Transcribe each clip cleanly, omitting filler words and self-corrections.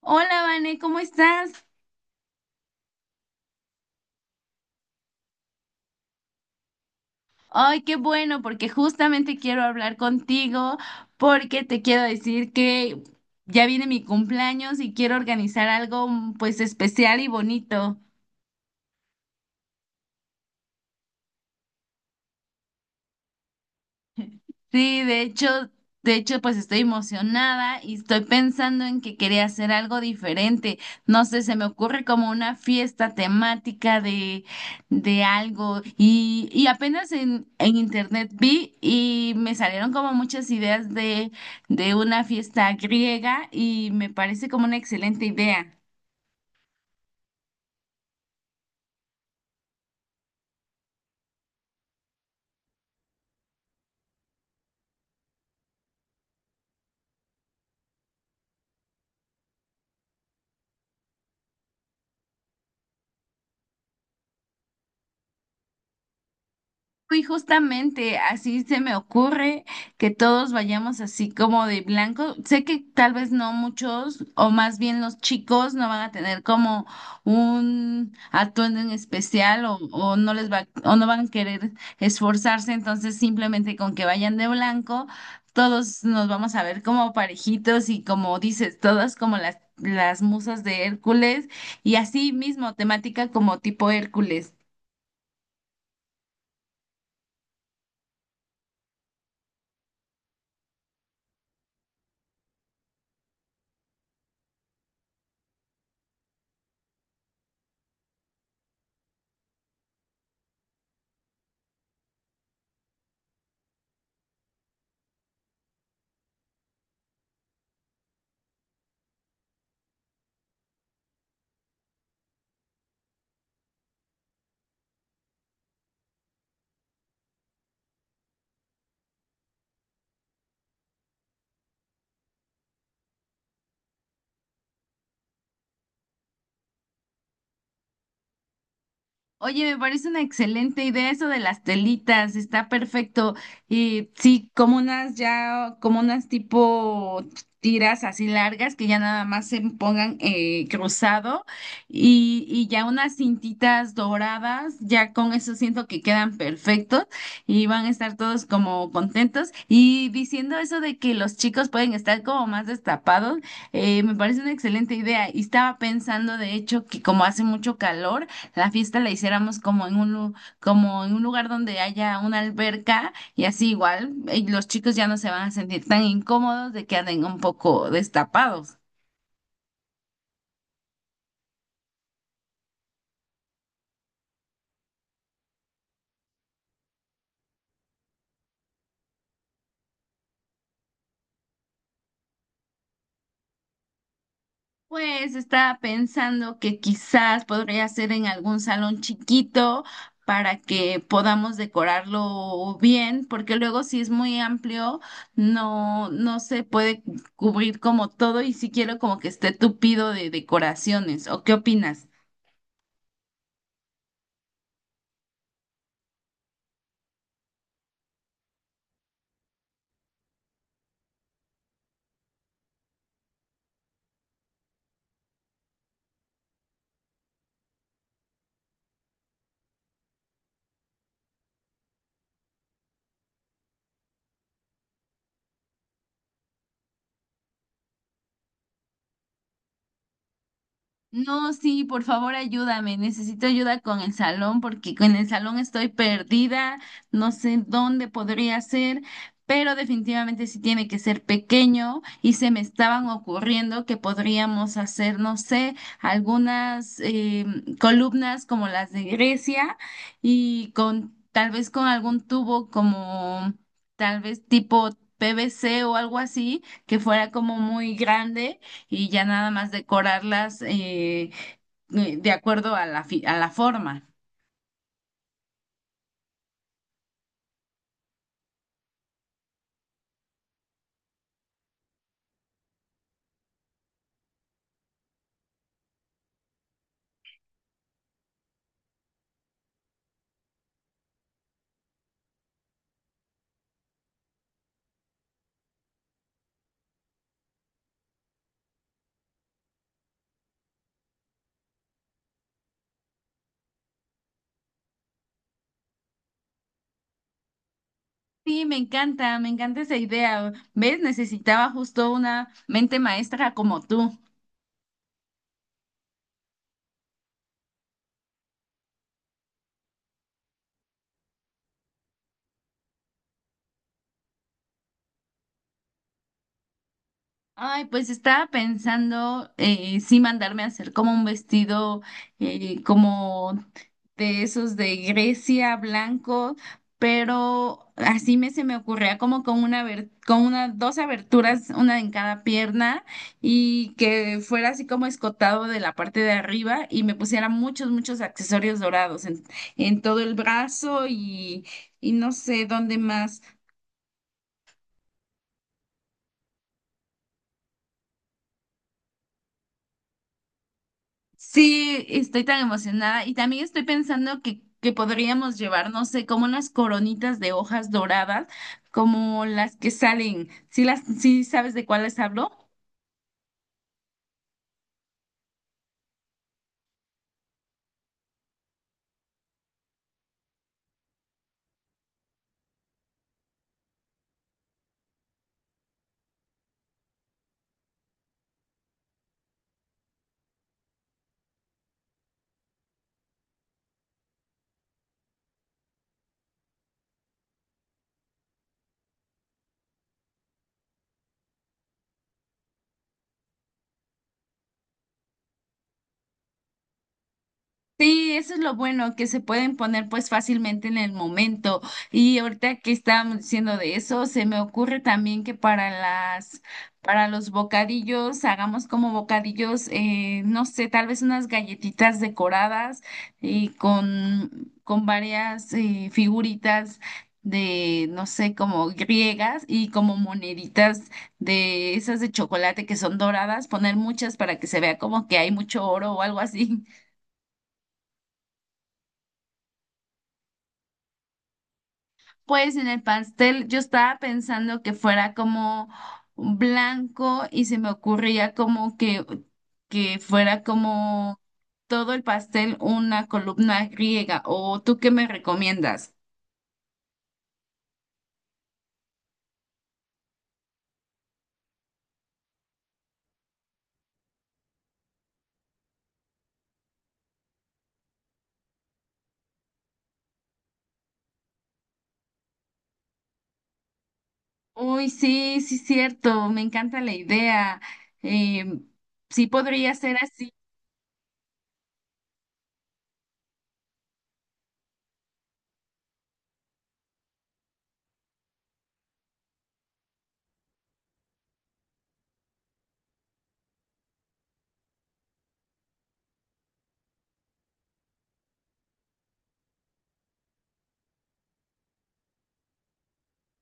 Hola, Vane, ¿cómo estás? Ay, qué bueno, porque justamente quiero hablar contigo, porque te quiero decir que ya viene mi cumpleaños y quiero organizar algo pues especial y bonito. Sí, de hecho, pues estoy emocionada y estoy pensando en que quería hacer algo diferente. No sé, se me ocurre como una fiesta temática de algo. Y, y apenas en internet vi y me salieron como muchas ideas de una fiesta griega y me parece como una excelente idea. Y justamente así se me ocurre que todos vayamos así como de blanco. Sé que tal vez no muchos, o más bien los chicos, no van a tener como un atuendo en especial o no les va, o no van a querer esforzarse. Entonces, simplemente con que vayan de blanco, todos nos vamos a ver como parejitos y como dices, todas como las musas de Hércules y así mismo temática como tipo Hércules. Oye, me parece una excelente idea eso de las telitas, está perfecto. Y sí, como unas ya, como unas tipo tiras así largas que ya nada más se pongan cruzado y ya unas cintitas doradas, ya con eso siento que quedan perfectos y van a estar todos como contentos. Y diciendo eso de que los chicos pueden estar como más destapados, me parece una excelente idea. Y estaba pensando, de hecho, que como hace mucho calor, la fiesta la hiciéramos como en como en un lugar donde haya una alberca y así igual los chicos ya no se van a sentir tan incómodos de que anden un poco destapados. Pues estaba pensando que quizás podría ser en algún salón chiquito para que podamos decorarlo bien, porque luego si es muy amplio no se puede cubrir como todo y si quiero como que esté tupido de decoraciones. ¿O qué opinas? No, sí, por favor ayúdame. Necesito ayuda con el salón porque con el salón estoy perdida, no sé dónde podría ser, pero definitivamente sí tiene que ser pequeño y se me estaban ocurriendo que podríamos hacer, no sé, algunas columnas como las de Grecia y con tal vez con algún tubo como tal vez tipo PVC o algo así que fuera como muy grande y ya nada más decorarlas de acuerdo a a la forma. Sí, me encanta esa idea. ¿Ves? Necesitaba justo una mente maestra como tú. Ay, pues estaba pensando sí mandarme a hacer como un vestido como de esos de Grecia blanco, pero así me se me ocurría como con con una dos aberturas, una en cada pierna y que fuera así como escotado de la parte de arriba y me pusiera muchos muchos accesorios dorados en todo el brazo y no sé dónde más. Sí, estoy tan emocionada y también estoy pensando que podríamos llevar, no sé, como unas coronitas de hojas doradas, como las que salen. Sí sabes de cuáles hablo? Sí, eso es lo bueno, que se pueden poner pues fácilmente en el momento. Y ahorita que estábamos diciendo de eso, se me ocurre también que para para los bocadillos, hagamos como bocadillos, no sé, tal vez unas galletitas decoradas y con varias figuritas de, no sé, como griegas y como moneditas de esas de chocolate que son doradas, poner muchas para que se vea como que hay mucho oro o algo así. Pues en el pastel yo estaba pensando que fuera como blanco y se me ocurría como que fuera como todo el pastel una columna griega. ¿O tú qué me recomiendas? Uy, sí, sí, cierto, me encanta la idea. Em, sí podría ser así.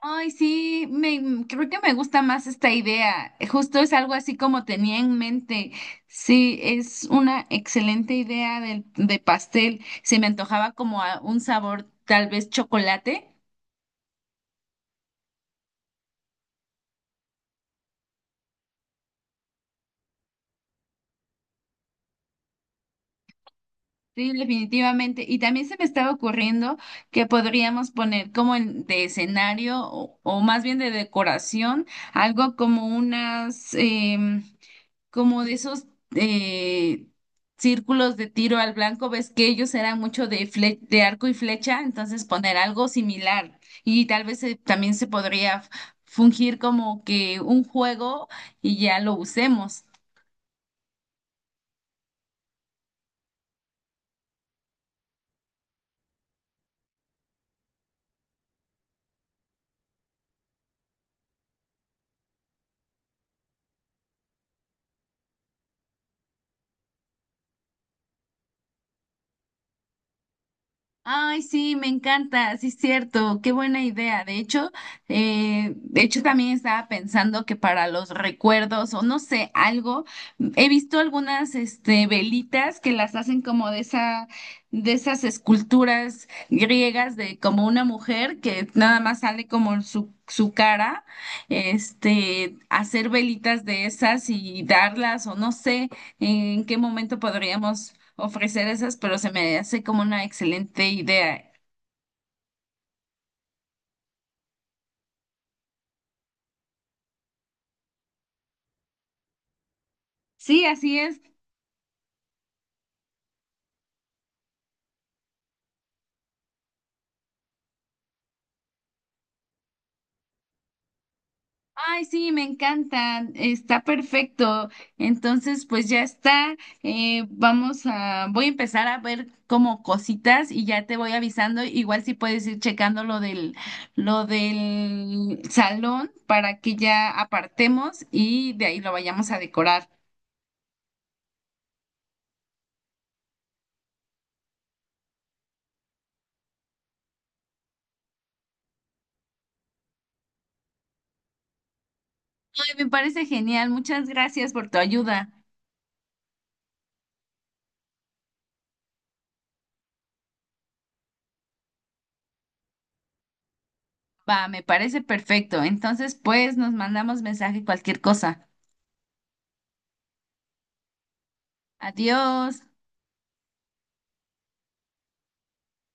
Ay, sí, me, mm, creo que me gusta más esta idea. Justo es algo así como tenía en mente. Sí, es una excelente idea pastel. Se me antojaba como a un sabor tal vez chocolate. Sí, definitivamente. Y también se me estaba ocurriendo que podríamos poner como de escenario o más bien de decoración, algo como unas, em, como de esos eh, círculos de tiro al blanco, ves que ellos eran mucho de arco y flecha, entonces poner algo similar y tal vez también se podría fungir como que un juego y ya lo usemos. Ay, sí, me encanta, sí es cierto, qué buena idea. De hecho, de hecho también estaba pensando que para los recuerdos o no sé, algo, he visto algunas este velitas que las hacen como de esa de esas esculturas griegas de como una mujer que nada más sale como su cara, este, hacer velitas de esas y darlas o no sé en qué momento podríamos ofrecer esas, pero se me hace como una excelente idea. Sí, así es. Ay, sí, me encantan. Está perfecto. Entonces, pues ya está. Voy a empezar a ver como cositas y ya te voy avisando. Igual si puedes ir checando lo del salón para que ya apartemos y de ahí lo vayamos a decorar. Ay, me parece genial. Muchas gracias por tu ayuda. Va, me parece perfecto. Entonces, pues nos mandamos mensaje cualquier cosa. Adiós.